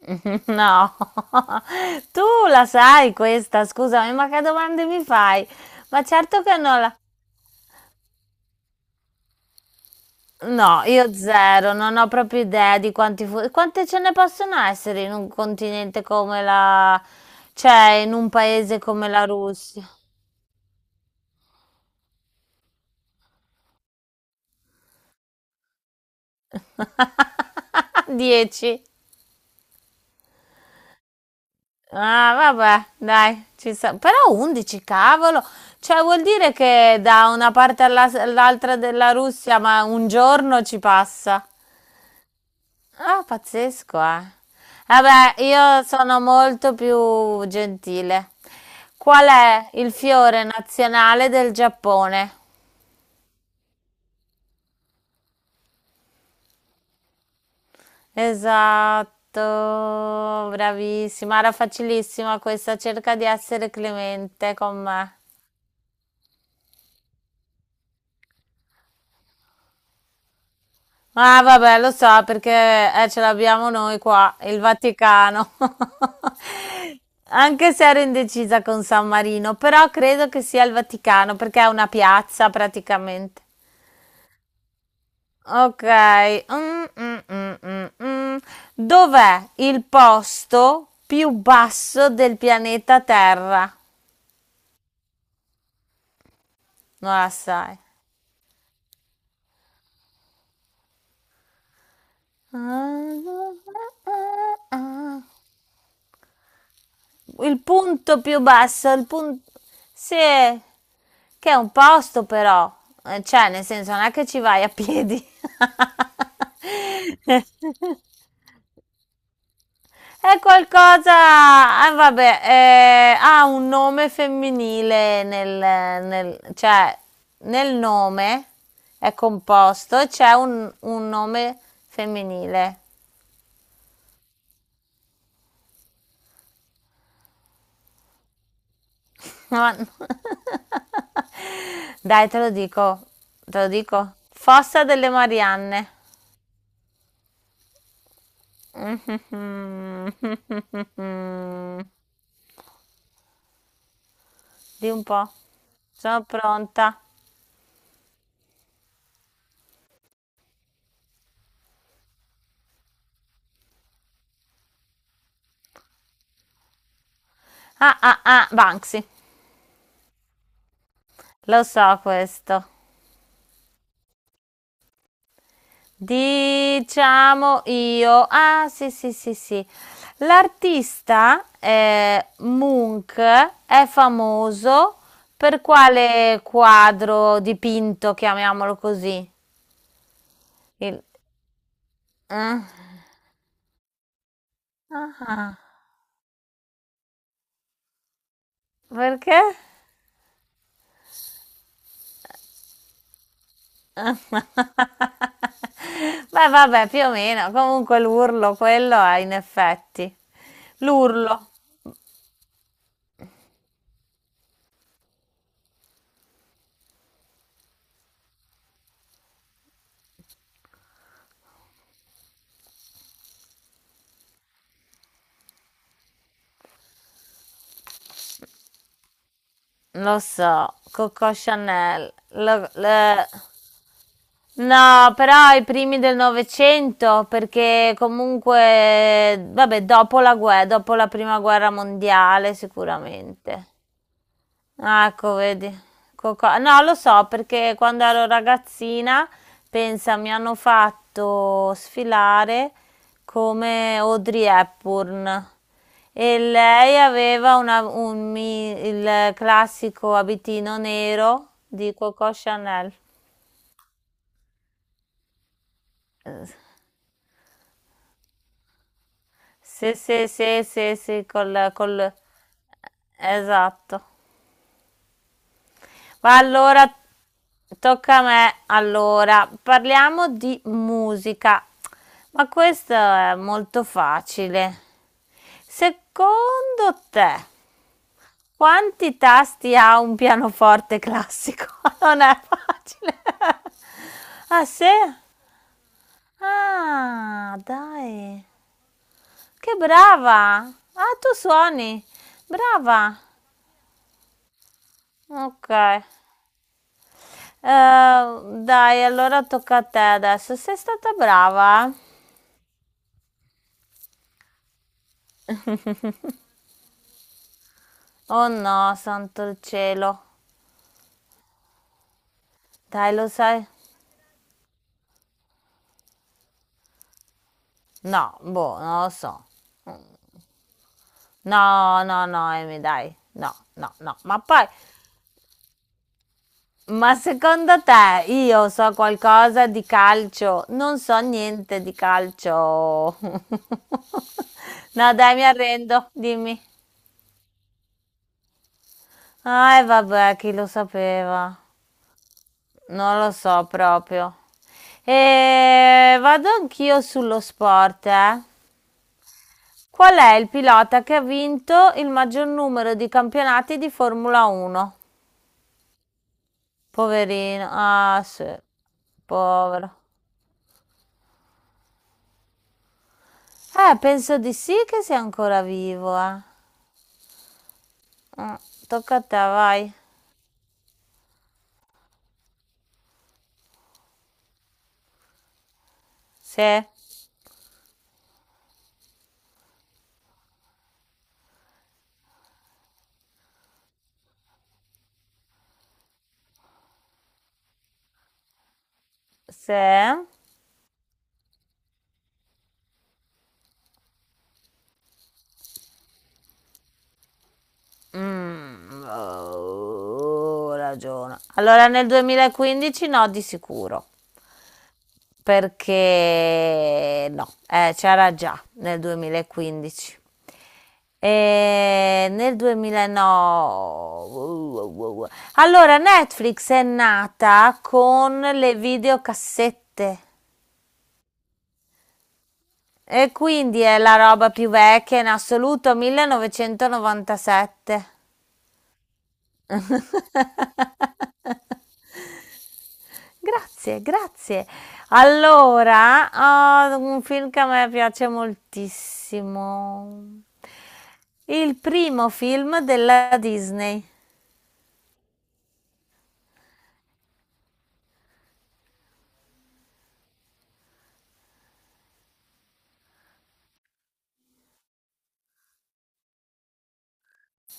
No. Tu la sai questa, scusami, ma che domande mi fai? Ma certo che non la... No, io zero, non ho proprio idea di quanti quante ce ne possono essere in un continente come la... Cioè, in un paese come la Russia. 10. Ah, vabbè, dai, ci sta. Però 11, cavolo. Cioè, vuol dire che da una parte all'altra della Russia, ma un giorno ci passa. Ah, pazzesco, eh. Vabbè, io sono molto più gentile. Qual è il fiore nazionale del Giappone? Esatto, bravissima, era facilissima questa, cerca di essere clemente con me. Ah, vabbè, lo so perché ce l'abbiamo noi qua, il Vaticano. Anche se ero indecisa con San Marino, però credo che sia il Vaticano perché è una piazza praticamente. Ok. mm, mm, mm, mm, mm. Dov'è il posto più basso del pianeta Terra? Non la sai. Il punto più basso, il punto... Sì, che è un posto però. Cioè, nel senso, non è che ci vai a piedi. È qualcosa, vabbè, ha un nome femminile cioè, nel nome è composto e c'è un nome femminile. Ma- Dai, te lo dico, te lo dico. Fossa delle Marianne. Di un po'. Sono pronta. Ah, ah, ah, Banksy. Lo so questo. Diciamo io. Ah, sì, sì, sì, sì. L'artista Munch è famoso per quale quadro dipinto, chiamiamolo così? Il... Ah. Ah. Perché? Ah. Beh, vabbè, più o meno. Comunque l'urlo, quello è in effetti. L'urlo. Lo so, Coco Chanel. No, però ai primi del Novecento, perché comunque, vabbè, dopo la guerra, dopo la prima guerra mondiale sicuramente. Ah, ecco, vedi. No, lo so, perché quando ero ragazzina, pensa, mi hanno fatto sfilare come Audrey Hepburn e lei aveva il classico abitino nero di Coco Chanel. Eh, Sì, sì, sì, sì, sì, col... Esatto. Ma allora, tocca a me. Allora, parliamo di musica. Ma questo è molto facile. Secondo te, quanti tasti ha un pianoforte classico? Non è facile. Ah, sì? Ah, dai. Che brava. Ah, tu suoni. Brava. Ok. Dai, allora tocca a te adesso. Sei stata brava? Eh? Oh no, santo il cielo. Dai, lo sai? No, boh, non lo so. No, no, no, Amy, dai. No, no, no. Ma secondo te io so qualcosa di calcio? Non so niente di calcio. No, dai, mi arrendo, dimmi. Ah, e vabbè, chi lo sapeva? Non lo so proprio. E vado anch'io sullo sport, eh. Qual è il pilota che ha vinto il maggior numero di campionati di Formula 1? Poverino. Ah, sì. Povero. Penso di sì che sia ancora vivo, eh. Mm, Tocca a te, vai. Se, se. Oh, ragiona. Allora nel 2015, no, di sicuro. Perché no, c'era già nel 2015. E nel 2009. Allora, Netflix è nata con le videocassette e quindi è la roba più vecchia in assoluto, 1997. Grazie, grazie. Allora, un film che a me piace moltissimo. Il primo film della Disney.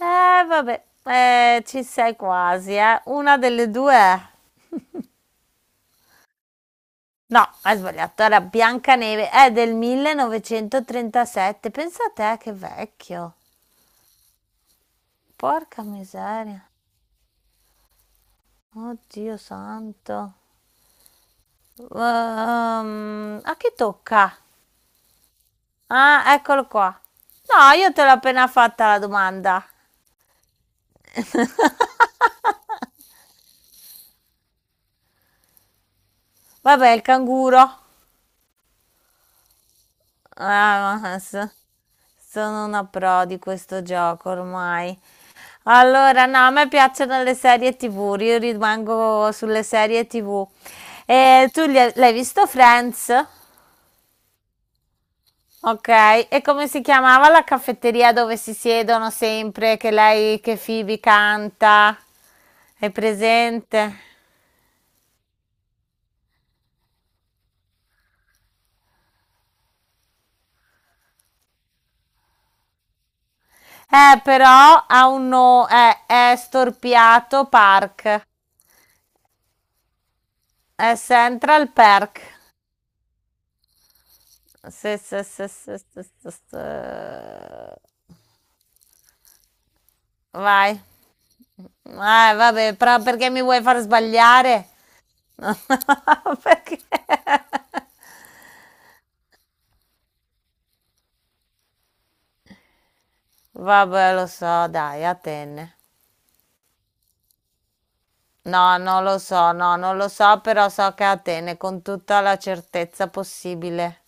Vabbè, ci sei quasi, eh. Una delle due è. No, hai sbagliato, era Biancaneve, è del 1937. Pensate, che vecchio. Porca miseria. Oddio santo. A chi tocca? Ah, eccolo qua. No, io te l'ho appena fatta la domanda. Vabbè, il canguro. Ah, ma sono una pro di questo gioco ormai. Allora, no, a me piacciono le serie TV, io rimango sulle serie TV. E tu l'hai visto Friends? Ok, e come si chiamava la caffetteria dove si siedono sempre, che lei, che Phoebe canta? È presente? Però ha un no, è storpiato Park. È Central Park. Sì, sì, sì, sì, sì, sì, sì. Vai. Vabbè, però perché mi vuoi far sbagliare? No, perché? Vabbè, lo so, dai, Atene. No, non lo so, no, non lo so, però so che è Atene con tutta la certezza possibile.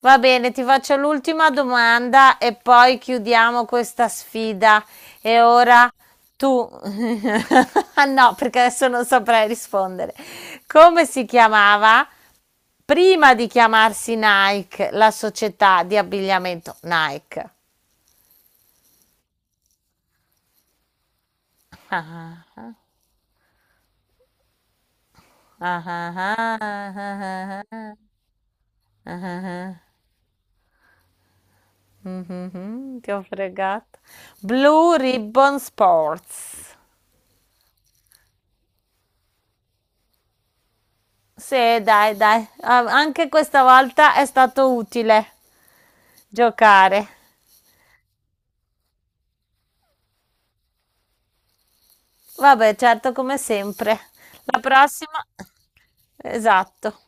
Va bene, ti faccio l'ultima domanda e poi chiudiamo questa sfida. E ora tu, ah, no, perché adesso non saprei rispondere. Come si chiamava prima di chiamarsi Nike, la società di abbigliamento Nike? Ah, ah, ah, ah, mhm, ti ho fregato. Blue Ribbon Sports. Sì, dai, dai, anche questa volta è stato utile giocare. Vabbè, certo, come sempre. La prossima. Esatto.